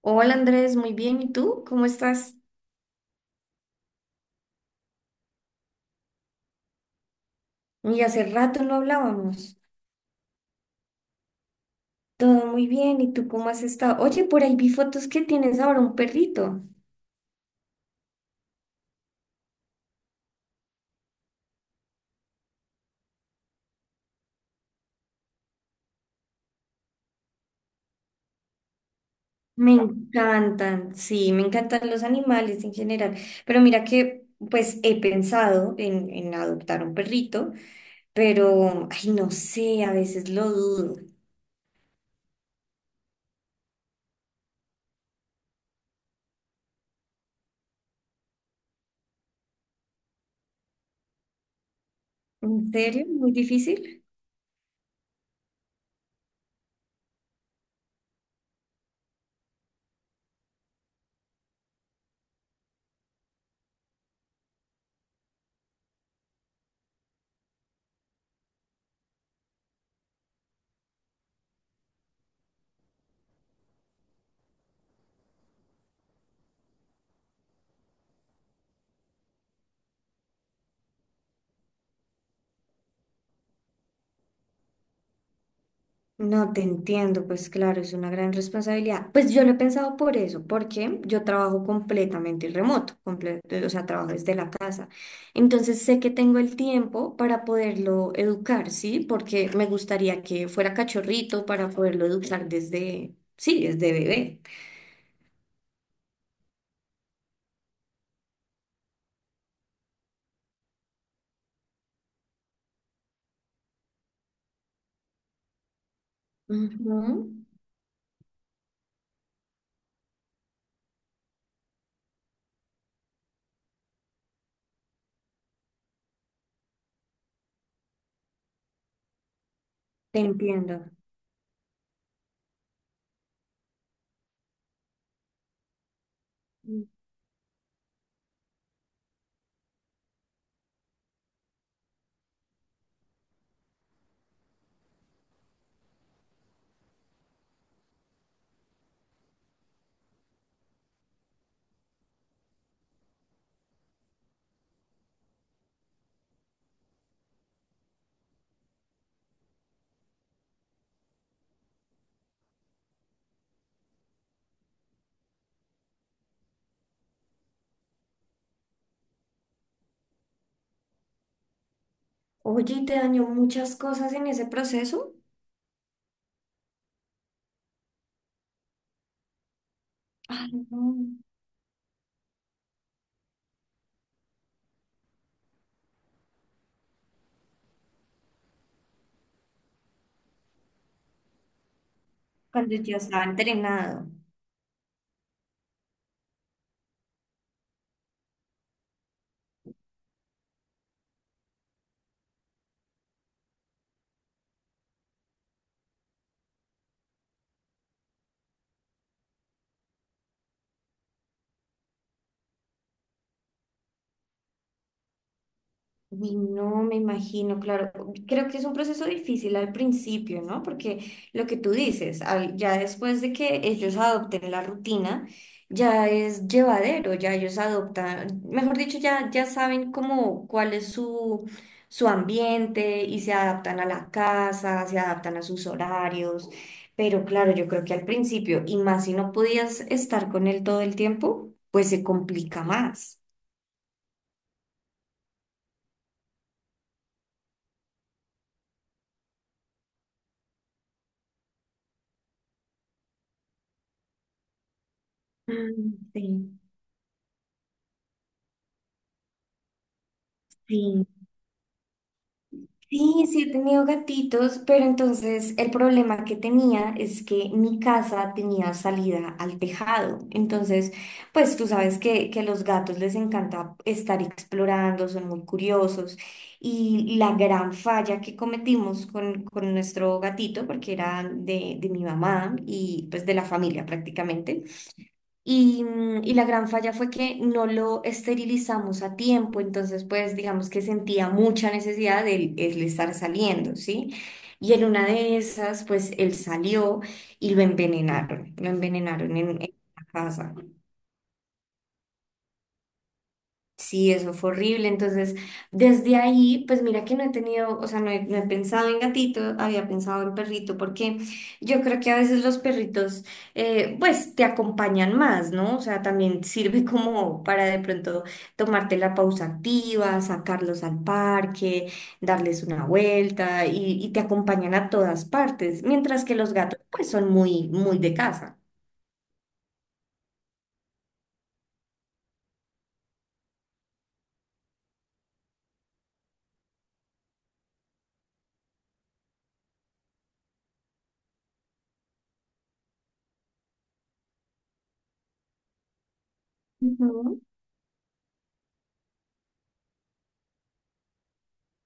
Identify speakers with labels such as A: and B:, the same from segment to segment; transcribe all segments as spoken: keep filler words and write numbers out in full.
A: Hola Andrés, muy bien. ¿Y tú? ¿Cómo estás? Y hace rato no hablábamos. Todo muy bien. ¿Y tú cómo has estado? Oye, por ahí vi fotos que tienes ahora un perrito. Me encantan, sí, me encantan los animales en general. Pero mira que, pues he pensado en, en adoptar un perrito, pero, ay, no sé, a veces lo dudo. ¿En serio? ¿Muy difícil? No te entiendo, pues claro, es una gran responsabilidad. Pues yo lo he pensado por eso, porque yo trabajo completamente remoto, comple- o sea, trabajo desde la casa. Entonces sé que tengo el tiempo para poderlo educar, ¿sí? Porque me gustaría que fuera cachorrito para poderlo educar desde, sí, desde bebé. Ujú. Te entiendo. Oye, ¿y te dañó muchas cosas en ese proceso? Ay, no, cuando ya estaba entrenado. Uy, no me imagino, claro. Creo que es un proceso difícil al principio, ¿no? Porque lo que tú dices, al- ya después de que ellos adopten la rutina, ya es llevadero, ya ellos adoptan, mejor dicho, ya, ya saben cómo, cuál es su, su ambiente y se adaptan a la casa, se adaptan a sus horarios. Pero claro, yo creo que al principio, y más si no podías estar con él todo el tiempo, pues se complica más. Mm, sí, sí, sí, sí he tenido gatitos, pero entonces el problema que tenía es que mi casa tenía salida al tejado. Entonces, pues tú sabes que, que a los gatos les encanta estar explorando, son muy curiosos. Y la gran falla que cometimos con, con nuestro gatito, porque era de, de mi mamá y pues de la familia prácticamente, y, mm, y la gran falla fue que no lo esterilizamos a tiempo, entonces pues digamos que sentía mucha necesidad de él, él estar saliendo, ¿sí? Y en una de esas pues él salió y lo envenenaron, lo envenenaron en, en la casa. Sí, eso fue horrible. Entonces, desde ahí, pues mira que no he tenido, o sea, no he, no he pensado en gatito, había pensado en perrito, porque yo creo que a veces los perritos, eh, pues te acompañan más, ¿no? O sea, también sirve como para de pronto tomarte la pausa activa, sacarlos al parque, darles una vuelta y, y te acompañan a todas partes, mientras que los gatos, pues son muy, muy de casa.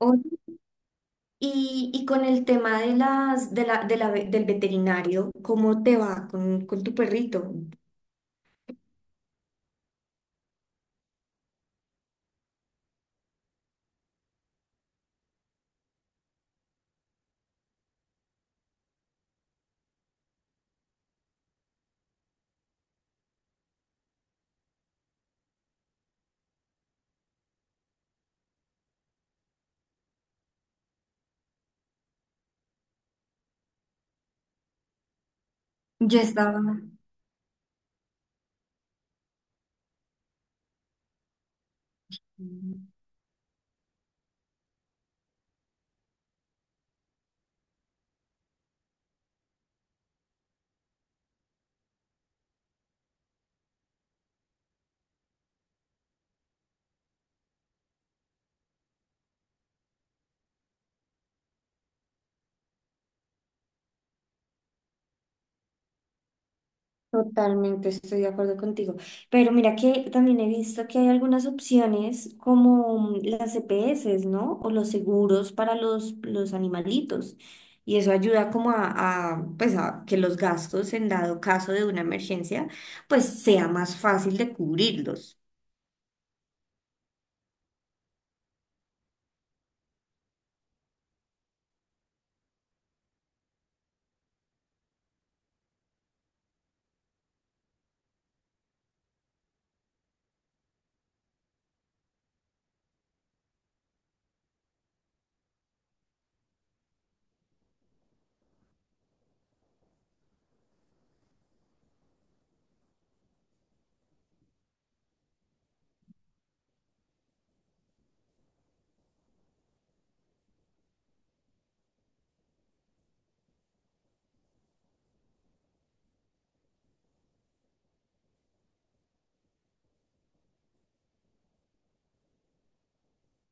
A: Ujú. Y, y con el tema de las, de la, de la ve- del veterinario, ¿cómo te va con, con tu perrito? Yo estaba. Totalmente, estoy de acuerdo contigo. Pero mira que también he visto que hay algunas opciones como las E P E ese, ¿no? O los seguros para los, los animalitos. Y eso ayuda como a, a, pues a que los gastos en dado caso de una emergencia, pues sea más fácil de cubrirlos.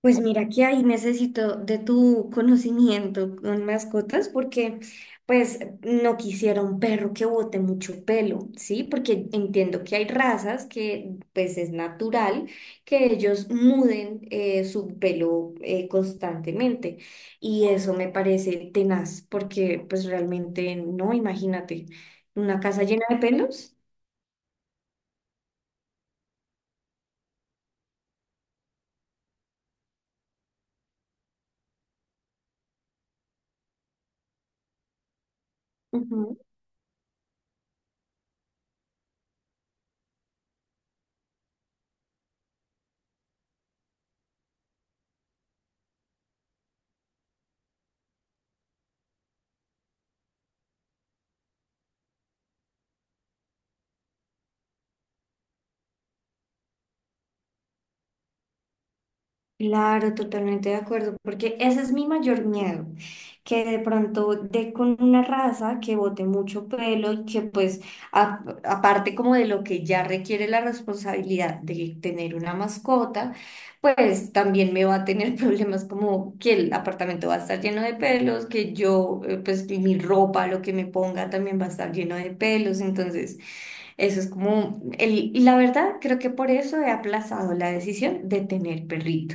A: Pues mira que ahí necesito de tu conocimiento con mascotas porque pues no quisiera un perro que bote mucho pelo, ¿sí? Porque entiendo que hay razas que pues es natural que ellos muden eh, su pelo eh, constantemente y eso me parece tenaz porque pues realmente no, imagínate, una casa llena de pelos. Claro, totalmente de acuerdo, porque ese es mi mayor miedo, que de pronto dé con una raza que bote mucho pelo y que pues a- aparte como de lo que ya requiere la responsabilidad de tener una mascota, pues también me va a tener problemas como que el apartamento va a estar lleno de pelos, que yo eh, pues que mi ropa, lo que me ponga también va a estar lleno de pelos, entonces... Eso es como el, y la verdad, creo que por eso he aplazado la decisión de tener perrito.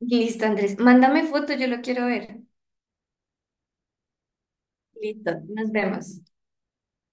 A: Listo, Andrés. Mándame foto, yo lo quiero ver. Listo, nos vemos.